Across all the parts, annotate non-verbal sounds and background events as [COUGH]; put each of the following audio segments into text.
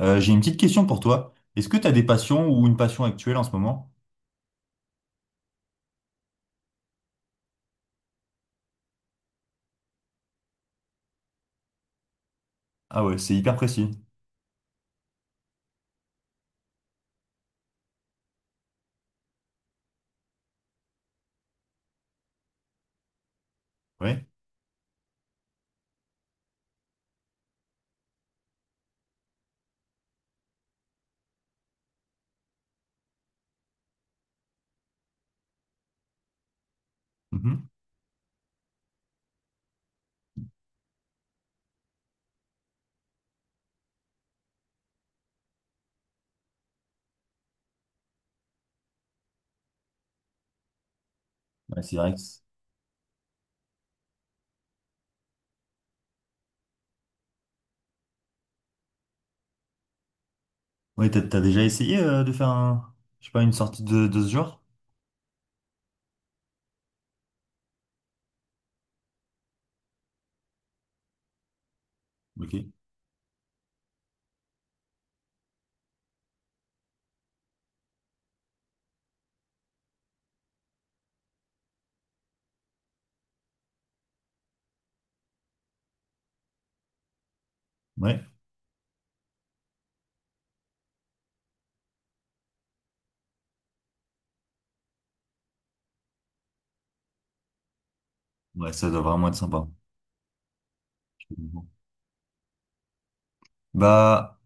J'ai une petite question pour toi. Est-ce que tu as des passions ou une passion actuelle en ce moment? Ah ouais, c'est hyper précis. Oui. Mhm. Ouais, c'est vrai. Ouais, t'as déjà essayé de faire je sais pas, une sortie de ce genre? Ok. Ouais. Ouais, ça doit vraiment être sympa. Je te comprends. Bah,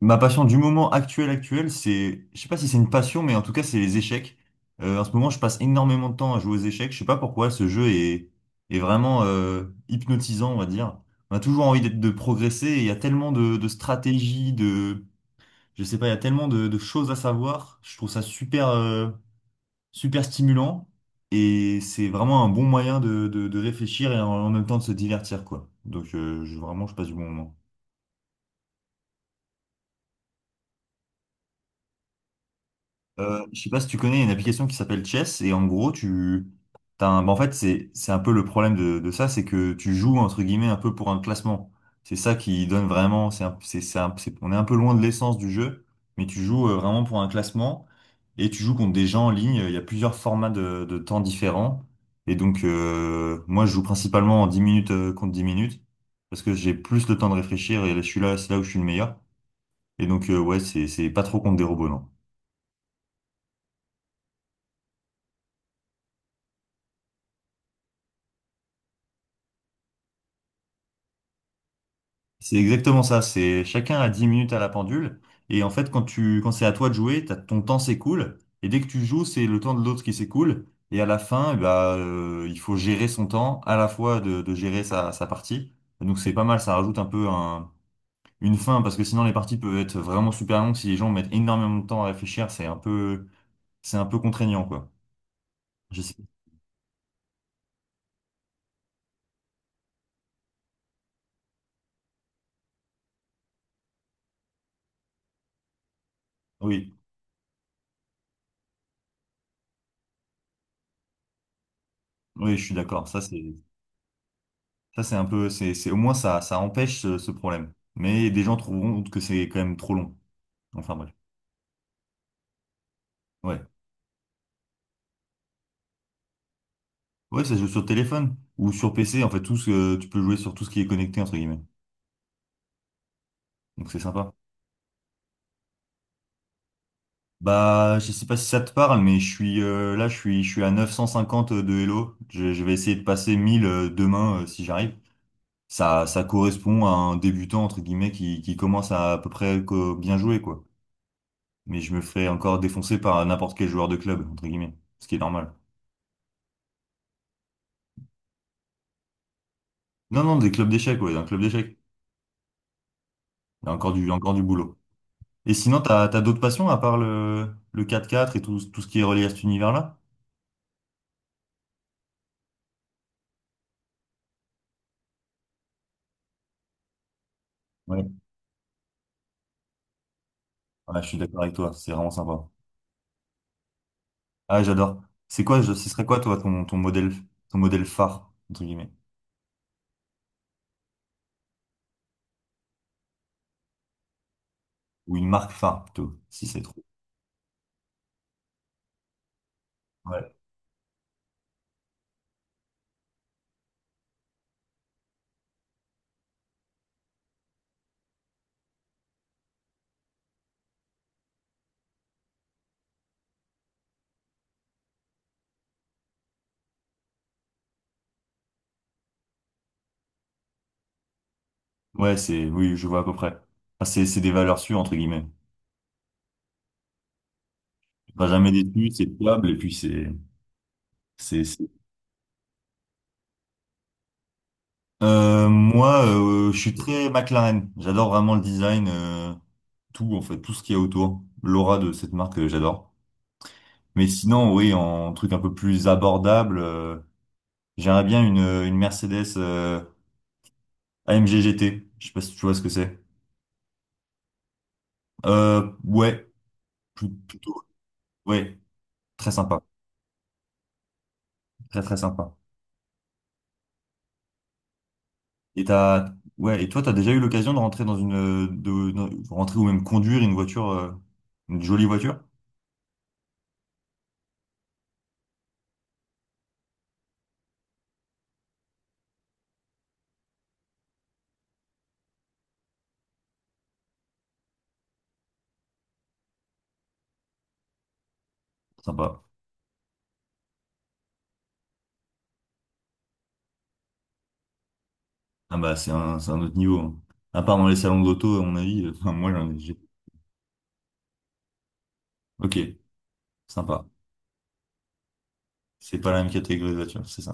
Ma passion du moment actuel, c'est, je sais pas si c'est une passion, mais en tout cas, c'est les échecs. En ce moment, je passe énormément de temps à jouer aux échecs. Je sais pas pourquoi ce jeu est vraiment hypnotisant, on va dire. On a toujours envie de progresser. Et Il y a tellement de stratégies, de, je sais pas, il y a tellement de choses à savoir. Je trouve ça super, super stimulant et c'est vraiment un bon moyen de réfléchir et en même temps de se divertir, quoi. Donc, vraiment, je passe du bon moment. Je sais pas si tu connais une application qui s'appelle Chess, et en gros tu t'as un... en fait c'est un peu le problème de ça. C'est que tu joues entre guillemets un peu pour un classement. C'est ça qui donne vraiment, on est un peu loin de l'essence du jeu, mais tu joues vraiment pour un classement et tu joues contre des gens en ligne. Il y a plusieurs formats de temps différents, et donc moi je joue principalement en 10 minutes contre 10 minutes parce que j'ai plus le temps de réfléchir, et là c'est là où je suis le meilleur. Et donc ouais, c'est pas trop contre des robots, non. C'est exactement ça, c'est chacun a 10 minutes à la pendule, et en fait quand c'est à toi de jouer, ton temps s'écoule, et dès que tu joues, c'est le temps de l'autre qui s'écoule, et à la fin, eh il faut gérer son temps à la fois de gérer sa partie. Donc c'est pas mal, ça rajoute un peu une fin, parce que sinon les parties peuvent être vraiment super longues si les gens mettent énormément de temps à réfléchir. C'est un peu contraignant, quoi. Je sais. Oui, oui, je suis d'accord. Ça c'est un peu, c'est au moins ça empêche ce problème. Mais des gens trouveront que c'est quand même trop long. Enfin bref. Ouais. Ouais, ça se joue sur téléphone ou sur PC. En fait, tu peux jouer sur tout ce qui est connecté, entre guillemets. Donc c'est sympa. Je sais pas si ça te parle, mais je suis à 950 de Hello. Je vais essayer de passer 1000 demain si j'arrive. Ça correspond à un débutant, entre guillemets, qui commence à peu près bien jouer, quoi. Mais je me ferai encore défoncer par n'importe quel joueur de club, entre guillemets. Ce qui est normal. Non, non, Des clubs d'échecs, ouais, d'un club d'échecs. Il y a encore encore du boulot. Et sinon, t'as d'autres passions à part le 4x4 et tout ce qui est relié à cet univers-là? Ouais. Ah, je suis d'accord avec toi, c'est vraiment sympa. Ah, j'adore. Ce serait quoi, toi, ton modèle phare, entre guillemets? Ou une marque phare, plutôt, si c'est trop. Ouais. Ouais, oui, je vois à peu près. C'est des valeurs sûres, entre guillemets. Pas jamais déçu, c'est fiable, et puis c'est, c'est- je suis très McLaren. J'adore vraiment le design, tout, en fait, tout ce qu'il y a autour. L'aura de cette marque, j'adore. Mais sinon, oui, en truc un peu plus abordable, j'aimerais bien une Mercedes AMG GT. Je sais pas si tu vois ce que c'est. Euh, ouais, Plutôt. Ouais, très sympa. Très très sympa. Et t'as, ouais, et toi, t'as déjà eu l'occasion de rentrer dans de rentrer ou même conduire une voiture, une jolie voiture? Sympa. Ah bah c'est un autre niveau, hein. À part dans les salons de l'auto, à mon avis, [LAUGHS] enfin, moi j'en ai. J'ai- Ok, sympa. C'est pas la même catégorie de voiture, c'est ça.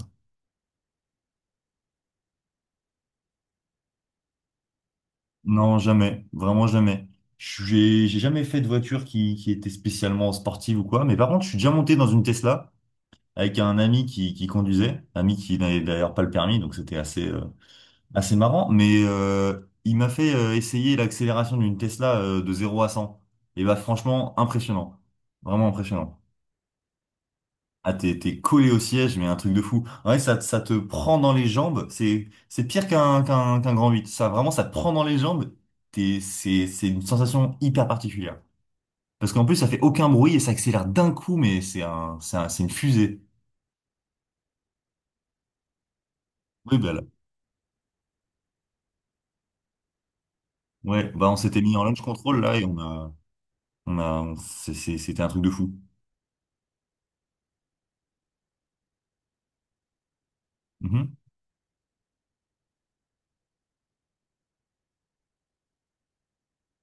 Non, jamais. Vraiment jamais. J'ai jamais fait de voiture qui était spécialement sportive ou quoi. Mais par contre, je suis déjà monté dans une Tesla avec un ami qui conduisait. Ami qui n'avait d'ailleurs pas le permis, donc c'était assez marrant. Mais il m'a fait essayer l'accélération d'une Tesla de 0 à 100. Et bah franchement, impressionnant. Vraiment impressionnant. Ah, t'es collé au siège, mais un truc de fou. Ouais, ça te prend dans les jambes. C'est pire qu'un grand huit. Ça, vraiment, ça te prend dans les jambes. C'est une sensation hyper particulière. Parce qu'en plus, ça fait aucun bruit et ça accélère d'un coup, mais c'est une fusée. Oui, bah là. Ouais, bah on s'était mis en launch control, là, et on a, on a, on- c'est- c'était un truc de fou. Mhm.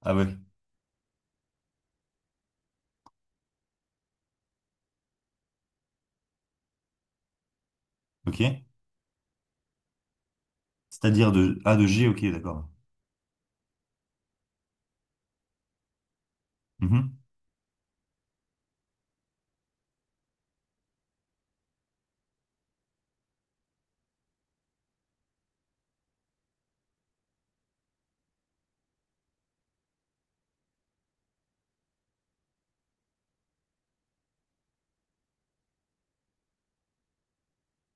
Ah ouais, ok. C'est-à-dire de A de G, ok, d'accord. Mhm.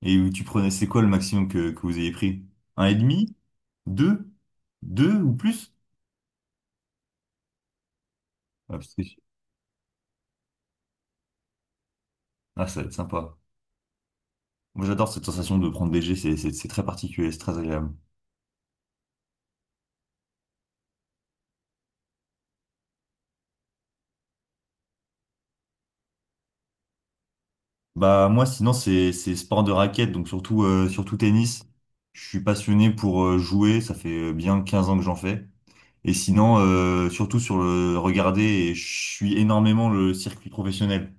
Et où tu prenais, c'est quoi le maximum que vous ayez pris? Un et demi? Deux? Deux ou plus? Ah, parce que- ah, ça va être sympa. Moi, j'adore cette sensation de prendre léger, c'est très particulier, c'est très agréable. Moi, sinon, c'est sport de raquette, donc surtout, surtout tennis. Je suis passionné pour jouer, ça fait bien 15 ans que j'en fais. Et sinon, surtout sur le regarder, et je suis énormément le circuit professionnel.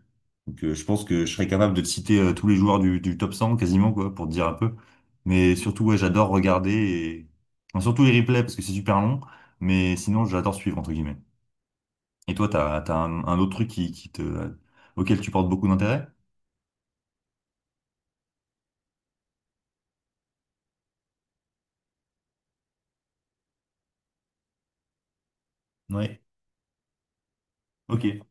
Donc, je pense que je serais capable de te citer tous les joueurs du top 100 quasiment, quoi, pour te dire un peu. Mais surtout, ouais, j'adore regarder et... enfin, surtout les replays parce que c'est super long. Mais sinon, j'adore suivre, entre guillemets. Et toi, t'as un autre truc auquel tu portes beaucoup d'intérêt? Ouais. Ok.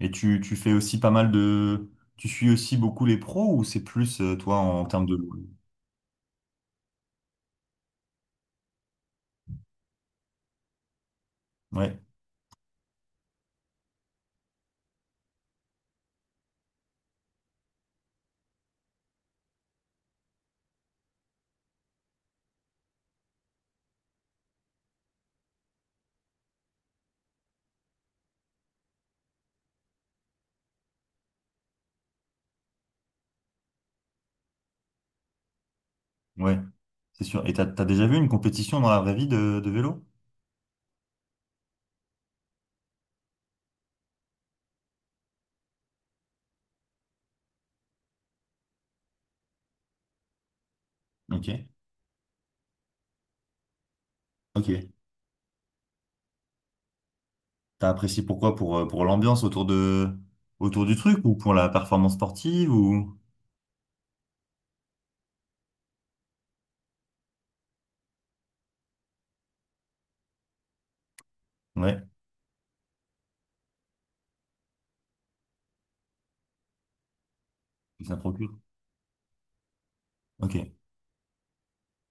Et tu fais aussi pas mal de... Tu suis aussi beaucoup les pros ou c'est plus, toi, en termes de... Ouais, ouais, c'est sûr. Et t'as déjà vu une compétition dans la vraie vie de vélo? Ok, ok. T'as apprécié pourquoi? Pour l'ambiance autour du truc ou pour la performance sportive ou... Ouais, ça procure. Ok.